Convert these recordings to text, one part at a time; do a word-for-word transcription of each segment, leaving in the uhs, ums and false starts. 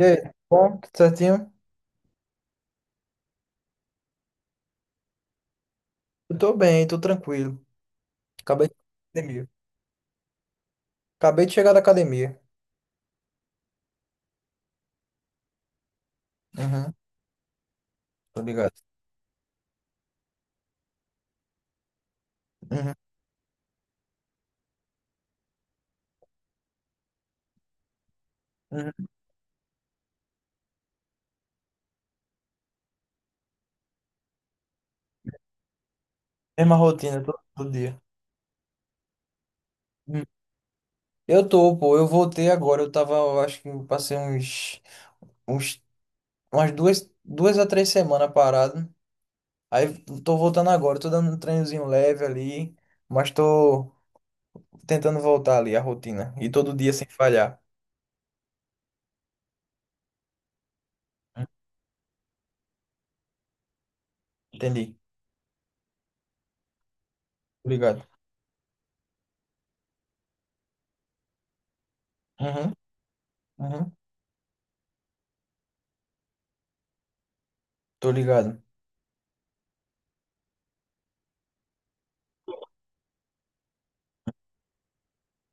E aí, bom? Tudo certinho? Eu tô bem, tô tranquilo. Acabei de academia. Acabei de chegar da academia. Uhum, tô ligado. Uhum, uhum. Mesma rotina, todo, todo dia. Uhum. Eu tô, pô, eu voltei agora. Eu tava, eu acho que passei uns, uns, umas duas, duas a três semanas parado. Aí tô voltando agora, tô dando um treinozinho leve ali, mas tô tentando voltar ali a rotina. E todo dia sem falhar. Uhum, entendi. Tô ligado. Uhum, uhum. Tô ligado.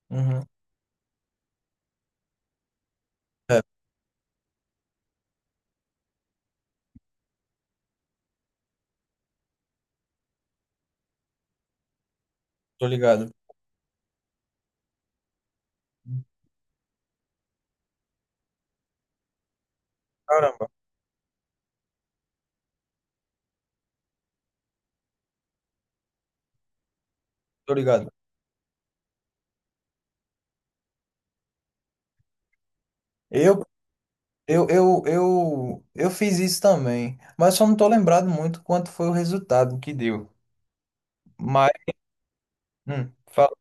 Uhum. É. Tô ligado. Caramba, tô ligado. Eu, eu, eu, eu, eu fiz isso também, mas só não tô lembrado muito quanto foi o resultado que deu. Mas, hum, fala.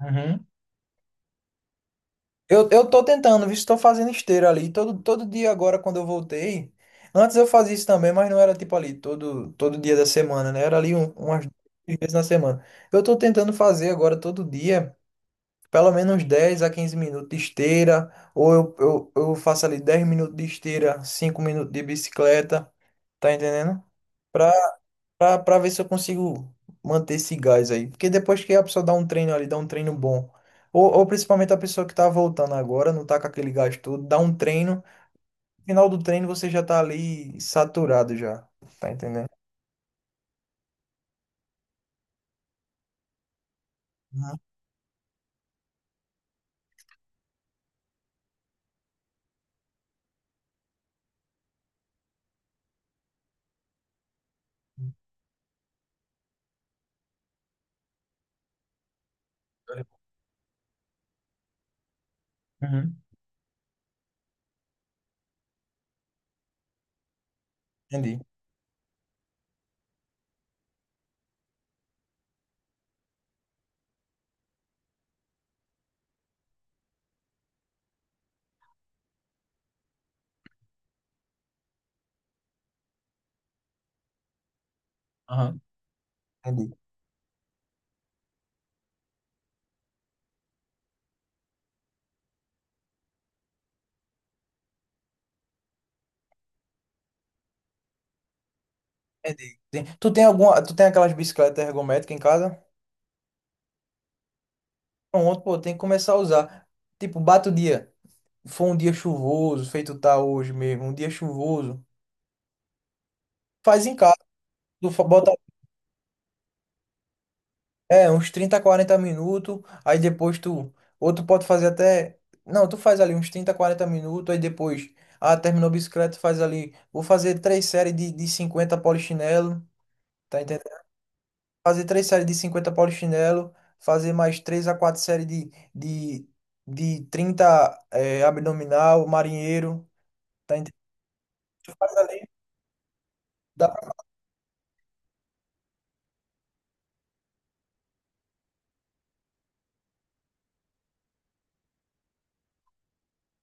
Uhum. Eu, eu tô tentando, visto que tô fazendo esteira ali. Todo, todo dia agora, quando eu voltei. Antes eu fazia isso também, mas não era tipo ali todo, todo dia da semana, né? Era ali um, umas duas vezes na semana. Eu tô tentando fazer agora todo dia. Pelo menos dez a quinze minutos de esteira, ou eu, eu, eu faço ali dez minutos de esteira, cinco minutos de bicicleta, tá entendendo? Pra, pra, pra ver se eu consigo manter esse gás aí. Porque depois que a pessoa dá um treino ali, dá um treino bom, ou, ou principalmente a pessoa que tá voltando agora, não tá com aquele gás todo, dá um treino, no final do treino você já tá ali saturado já, tá entendendo? Uhum. Uhum. Entendi. Aham. Entendi. Entendi. Tem- Tu tem alguma, tu tem aquelas bicicletas ergométricas em casa? Pronto, pô, tem que começar a usar. Tipo, bate o dia. Foi um dia chuvoso, feito tá hoje mesmo, um dia chuvoso. Faz em casa, tu fa- bota é, uns trinta quarenta minutos, aí depois tu. Ou tu pode fazer até. Não, tu faz ali uns trinta quarenta minutos, aí depois. Ah, terminou a bicicleta, faz ali. Vou fazer três séries de, de cinquenta polichinelo, tá entendendo? Fazer três séries de cinquenta polichinelo, fazer mais três a quatro séries de, de, de trinta eh, abdominal, marinheiro. Tá. Mas ali dá pra...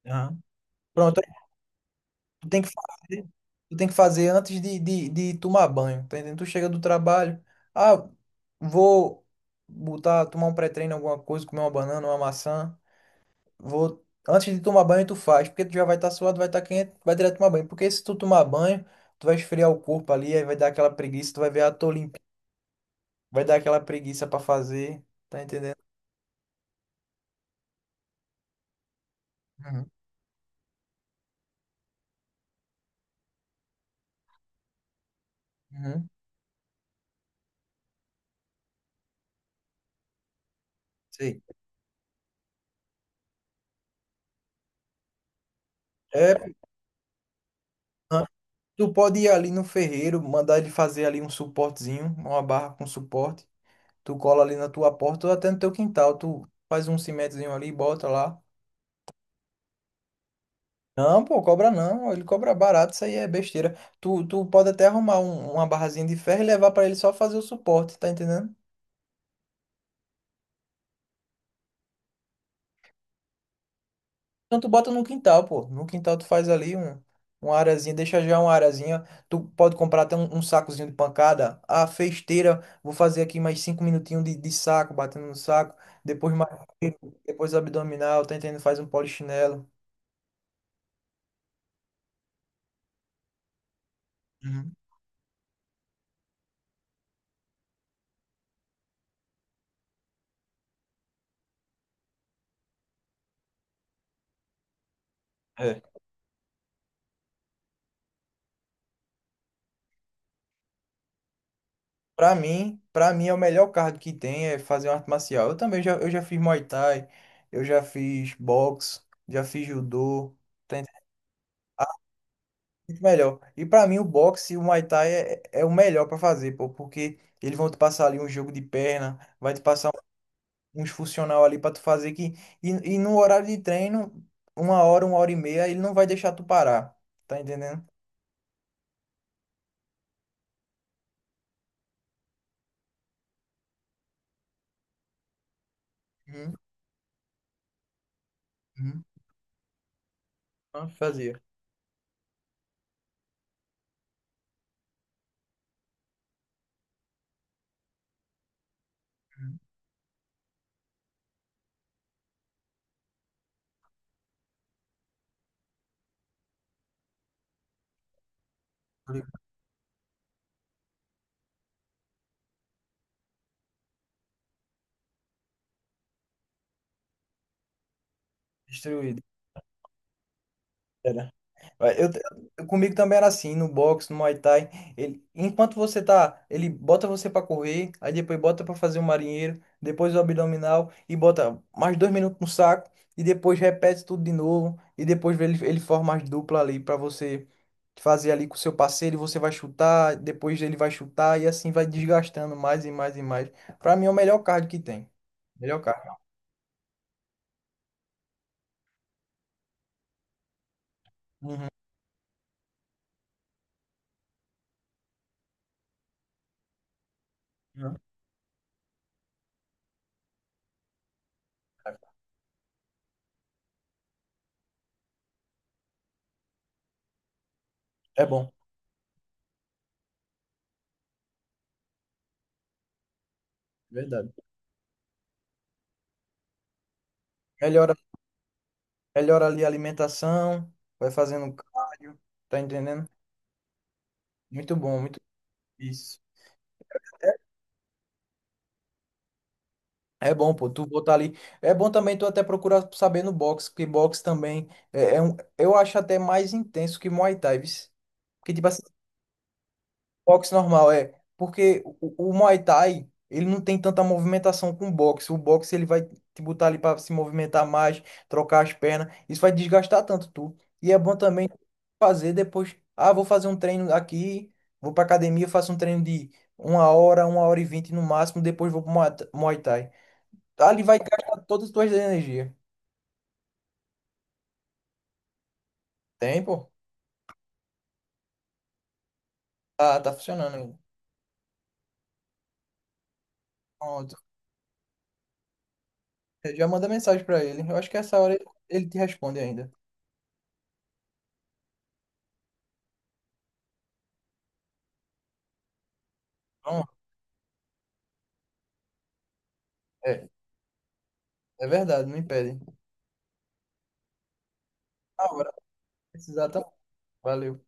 Aham. Pronto, aí tu tem que fazer, tu tem que fazer antes de, de, de tomar banho, tá entendendo? Tu chega do trabalho, ah, vou botar, tomar um pré-treino, alguma coisa, comer uma banana, uma maçã, vou... Antes de tomar banho, tu faz, porque tu já vai estar suado, vai estar quente, vai direto tomar banho. Porque se tu tomar banho, tu vai esfriar o corpo ali, aí vai dar aquela preguiça, tu vai ver, ah, tô limpinho, vai dar aquela preguiça pra fazer, tá entendendo? Uhum. Uhum. Sei. É, tu pode ir ali no ferreiro, mandar ele fazer ali um suportezinho, uma barra com suporte. Tu cola ali na tua porta ou até no teu quintal. Tu faz um cimentozinho ali e bota lá. Não, pô, cobra não. Ele cobra barato, isso aí é besteira. Tu, tu pode até arrumar um- uma barrazinha de ferro e levar pra ele só fazer o suporte, tá entendendo? Então tu bota no quintal, pô. No quintal tu faz ali um, uma arazinha, deixa já uma arazinha. Tu pode comprar até um, um sacozinho de pancada. Ah, fez esteira, vou fazer aqui mais cinco minutinhos de, de saco, batendo no saco. Depois mais, depois abdominal, tá entendendo? Faz um polichinelo. Uhum. É. Pra mim, pra mim é o melhor cardio que tem é fazer uma arte marcial. Eu também já, eu já fiz Muay Thai, eu já fiz boxe, já fiz judô. Tá entendendo? Muito melhor. E pra mim o boxe e o Muay Thai é, é o melhor pra fazer, pô, porque eles vão te passar ali um jogo de perna, vai te passar uns funcional ali pra tu fazer que e, e no horário de treino, uma hora, uma hora e meia, ele não vai deixar tu parar. Tá entendendo? Uhum, uhum. Ah, fazia. Uhum. Destruído. Eu, eu- comigo também era assim, no boxe, no Muay Thai. Ele, enquanto você tá, ele bota você pra correr, aí depois bota pra fazer o marinheiro, depois o abdominal e bota mais dois minutos no saco e depois repete tudo de novo e depois ele, ele forma as duplas ali pra você fazer ali com o seu parceiro e você vai chutar, depois ele vai chutar e assim vai desgastando mais e mais e mais. Pra mim é o melhor cardio que tem. Melhor cardio. Uhum, uhum. É bom, verdade. Melhora Melhora ali a alimentação, vai fazendo cardio, tá entendendo? Muito bom, muito isso. É bom, pô, tu botar ali. É bom também tu até procurar saber no boxe, porque boxe também é, é um, eu acho até mais intenso que Muay Thai, viu? Porque, tipo assim, boxe normal, é. Porque o, o Muay Thai, ele não tem tanta movimentação com o boxe. O boxe, ele vai te botar ali para se movimentar mais, trocar as pernas. Isso vai desgastar tanto tu. E é bom também fazer depois. Ah, vou fazer um treino aqui, vou pra academia, faço um treino de uma hora, uma hora e vinte no máximo, depois vou pro Muay Th- Muay Thai. Ali vai gastar todas as tuas energias. Tem, pô? Ah, tá funcionando ainda. Pronto. Eu já manda mensagem pra ele. Eu acho que essa hora ele ele te responde ainda. Pronto. É. É verdade, não impede. Na hora, precisar, tá? Valeu.